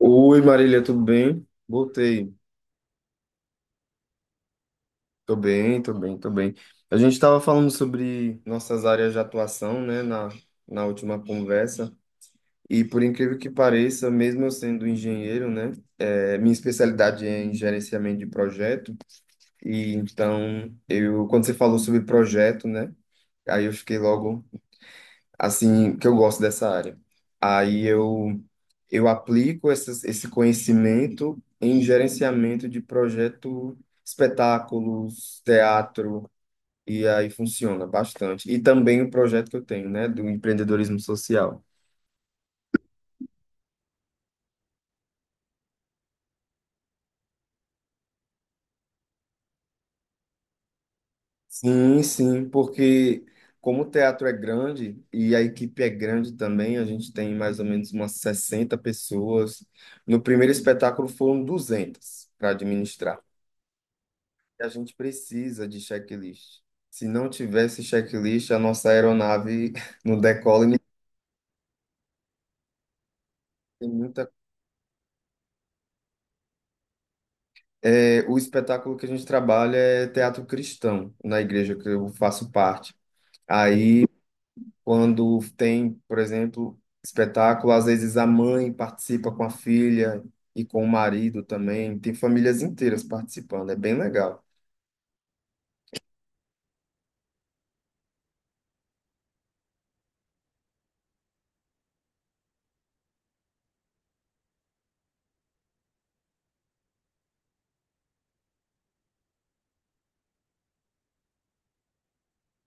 Oi, Marília, tudo bem? Voltei. Tô bem, tô bem, tô bem. A gente estava falando sobre nossas áreas de atuação, né, na última conversa. E por incrível que pareça, mesmo eu sendo engenheiro, né, minha especialidade é em gerenciamento de projeto. E então, eu, quando você falou sobre projeto, né, aí eu fiquei logo assim, que eu gosto dessa área. Aí eu aplico esse conhecimento em gerenciamento de projeto, espetáculos, teatro, e aí funciona bastante. E também o projeto que eu tenho, né, do empreendedorismo social. Sim, sim, porque como o teatro é grande e a equipe é grande também, a gente tem mais ou menos umas 60 pessoas. No primeiro espetáculo foram 200 para administrar. A gente precisa de checklist. Se não tivesse checklist, a nossa aeronave não decola e nem tem muita. É, o espetáculo que a gente trabalha é teatro cristão, na igreja que eu faço parte. Aí, quando tem, por exemplo, espetáculo, às vezes a mãe participa com a filha e com o marido também. Tem famílias inteiras participando, é bem legal.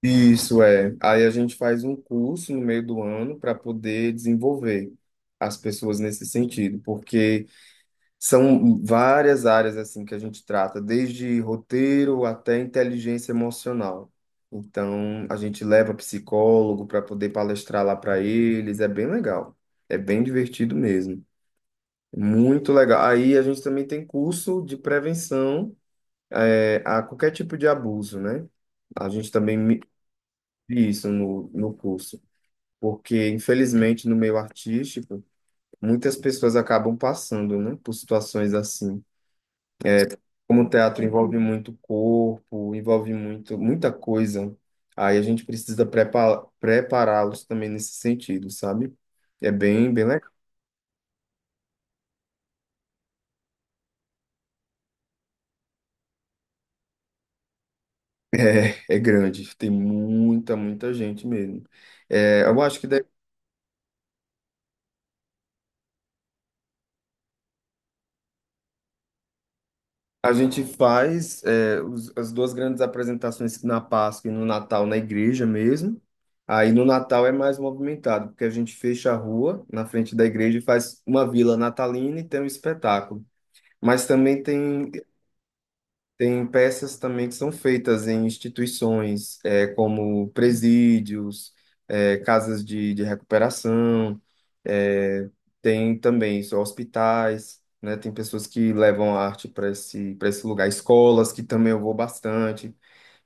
Isso é. Aí a gente faz um curso no meio do ano para poder desenvolver as pessoas nesse sentido, porque são várias áreas assim que a gente trata, desde roteiro até inteligência emocional. Então, a gente leva psicólogo para poder palestrar lá para eles, é bem legal. É bem divertido mesmo. Muito legal. Aí a gente também tem curso de prevenção, a qualquer tipo de abuso, né? A gente também isso no curso, porque infelizmente no meio artístico muitas pessoas acabam passando, né, por situações assim. Como o teatro envolve muito corpo, envolve muito muita coisa, aí a gente precisa prepará-los também nesse sentido, sabe? É bem legal. É, é grande, tem muita gente mesmo. É, eu acho que a gente faz é, as duas grandes apresentações na Páscoa e no Natal na igreja mesmo. Aí no Natal é mais movimentado, porque a gente fecha a rua na frente da igreja e faz uma vila natalina e tem um espetáculo. Mas também tem peças também que são feitas em instituições, como presídios, casas de recuperação, é, tem também só hospitais, né? Tem pessoas que levam arte para para esse lugar, escolas, que também eu vou bastante,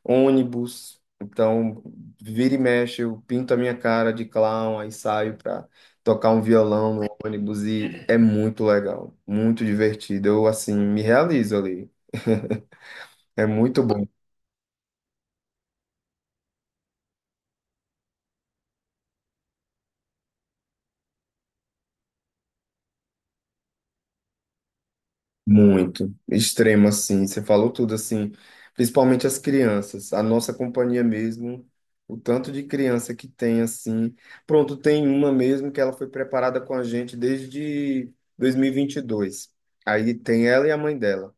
ônibus. Então, vira e mexe, eu pinto a minha cara de clown, aí saio para tocar um violão no ônibus e é muito legal, muito divertido. Eu, assim, me realizo ali. É muito bom, muito. Extremo, assim. Você falou tudo, assim. Principalmente as crianças. A nossa companhia mesmo, o tanto de criança que tem, assim. Pronto, tem uma mesmo que ela foi preparada com a gente desde dois mil e vinte e dois. Aí tem ela e a mãe dela.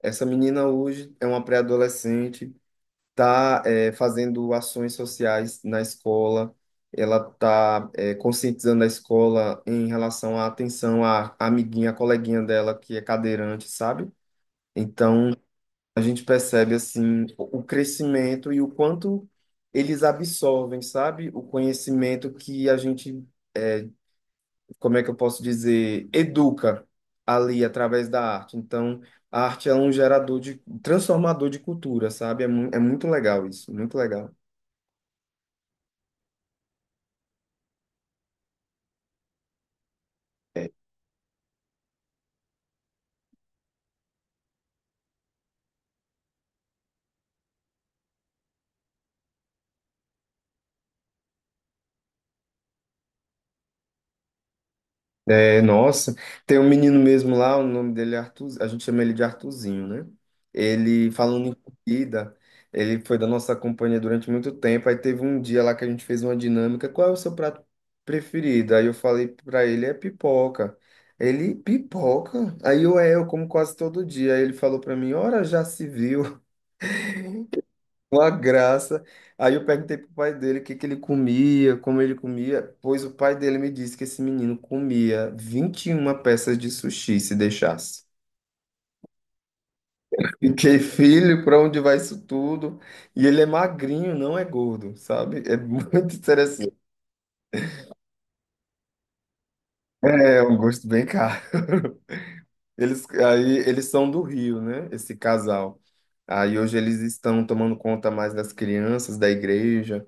Essa menina hoje é uma pré-adolescente, está fazendo ações sociais na escola, ela está conscientizando a escola em relação à atenção à amiguinha, à coleguinha dela que é cadeirante, sabe? Então, a gente percebe assim o crescimento e o quanto eles absorvem, sabe? O conhecimento que a gente, eh, como é que eu posso dizer, educa ali através da arte. Então, a arte é um gerador de, transformador de cultura, sabe? É, mu é muito legal isso, muito legal. É, nossa, tem um menino mesmo lá, o nome dele é Arthur, a gente chama ele de Arthurzinho, né? Ele, falando em comida, ele foi da nossa companhia durante muito tempo, aí teve um dia lá que a gente fez uma dinâmica, qual é o seu prato preferido? Aí eu falei pra ele, é pipoca. Ele, pipoca? Aí eu, é, eu como quase todo dia. Aí ele falou pra mim, ora, já se viu. Uma graça. Aí eu perguntei pro pai dele o que que ele comia, como ele comia, pois o pai dele me disse que esse menino comia 21 peças de sushi se deixasse. Fiquei, filho, para onde vai isso tudo? E ele é magrinho, não é gordo, sabe? É muito interessante. É um gosto bem caro. Eles, aí, eles são do Rio, né? Esse casal. Aí hoje eles estão tomando conta mais das crianças da igreja,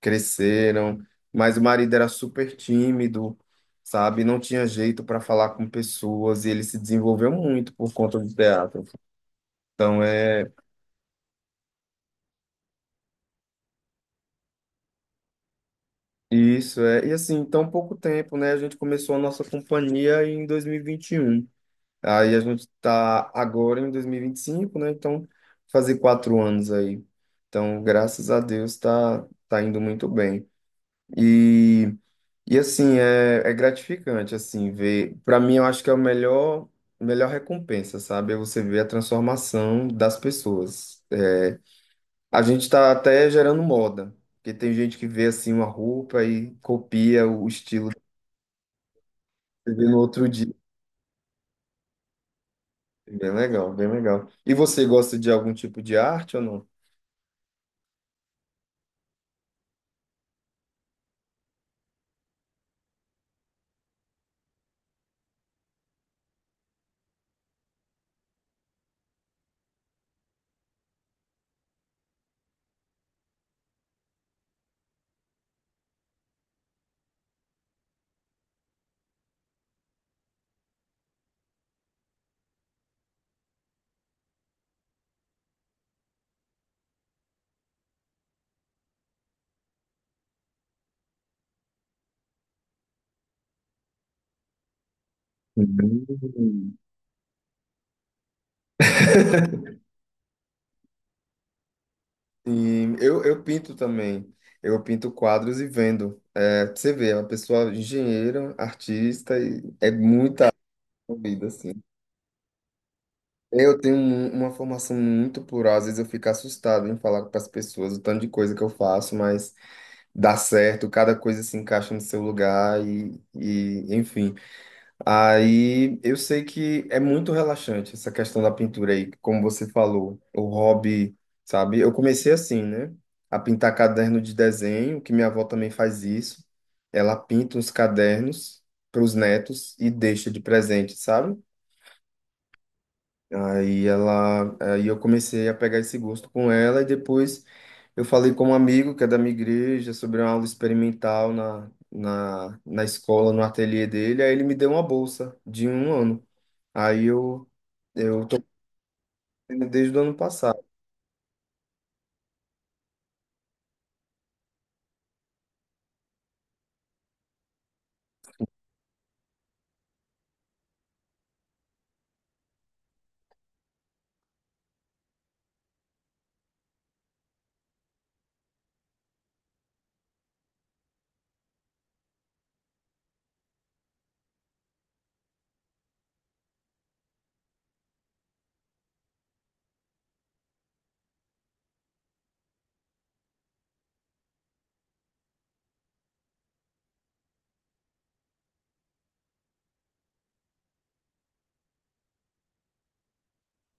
cresceram, mas o marido era super tímido, sabe? Não tinha jeito para falar com pessoas e ele se desenvolveu muito por conta do teatro. Então é isso, é. E assim, tão pouco tempo, né? A gente começou a nossa companhia em 2021. Aí a gente está agora em 2025, né? Então, fazer 4 anos aí. Então, graças a Deus, tá, tá indo muito bem. E, e assim, é, é gratificante, assim, ver. Para mim, eu acho que é o melhor, melhor recompensa, sabe? É você ver a transformação das pessoas. É, a gente está até gerando moda, porque tem gente que vê, assim, uma roupa e copia o estilo que você vê no outro dia. Bem legal, bem legal. E você gosta de algum tipo de arte ou não? Hum. Sim, eu pinto também. Eu pinto quadros e vendo. É, pra você vê, é uma pessoa engenheira, artista, e é muita área envolvida, assim. Eu tenho uma formação muito plural, às vezes eu fico assustado em falar para as pessoas o tanto de coisa que eu faço, mas dá certo, cada coisa se encaixa no seu lugar e enfim. Aí eu sei que é muito relaxante essa questão da pintura aí, como você falou, o hobby, sabe? Eu comecei assim, né? A pintar caderno de desenho, que minha avó também faz isso. Ela pinta os cadernos para os netos e deixa de presente, sabe? Aí eu comecei a pegar esse gosto com ela e depois eu falei com um amigo que é da minha igreja sobre uma aula experimental na escola, no ateliê dele, aí ele me deu uma bolsa de um ano. Aí eu tô fazendo desde o ano passado.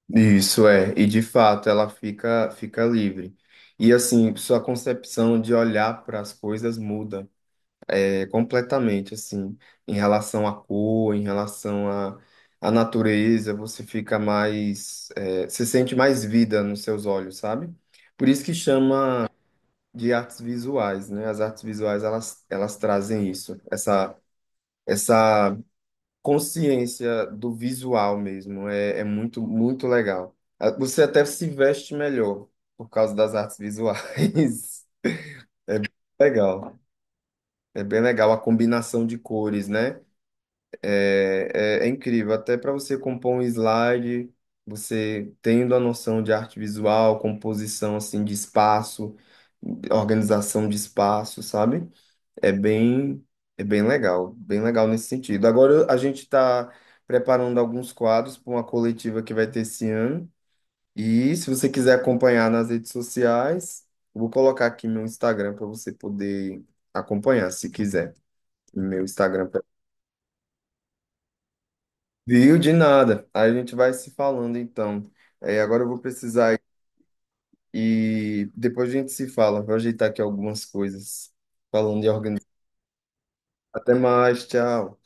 Isso é, e de fato ela fica livre. E assim, sua concepção de olhar para as coisas muda. É completamente assim, em relação à cor, em relação à natureza, você fica mais, é, você sente mais vida nos seus olhos, sabe? Por isso que chama de artes visuais, né? As artes visuais, elas trazem isso, essa consciência do visual mesmo, é muito, muito legal. Ah, você até se veste melhor por causa das artes visuais. Legal. É bem legal a combinação de cores, né? É incrível, até para você compor um slide, você tendo a noção de arte visual, composição assim de espaço, organização de espaço, sabe? É bem, é bem legal nesse sentido. Agora a gente está preparando alguns quadros para uma coletiva que vai ter esse ano. E se você quiser acompanhar nas redes sociais, eu vou colocar aqui meu Instagram para você poder acompanhar, se quiser. Meu Instagram. Viu? De nada. Aí a gente vai se falando então. É, agora eu vou precisar ir- e depois a gente se fala. Vou ajeitar aqui algumas coisas. Falando de organização. Até mais, tchau.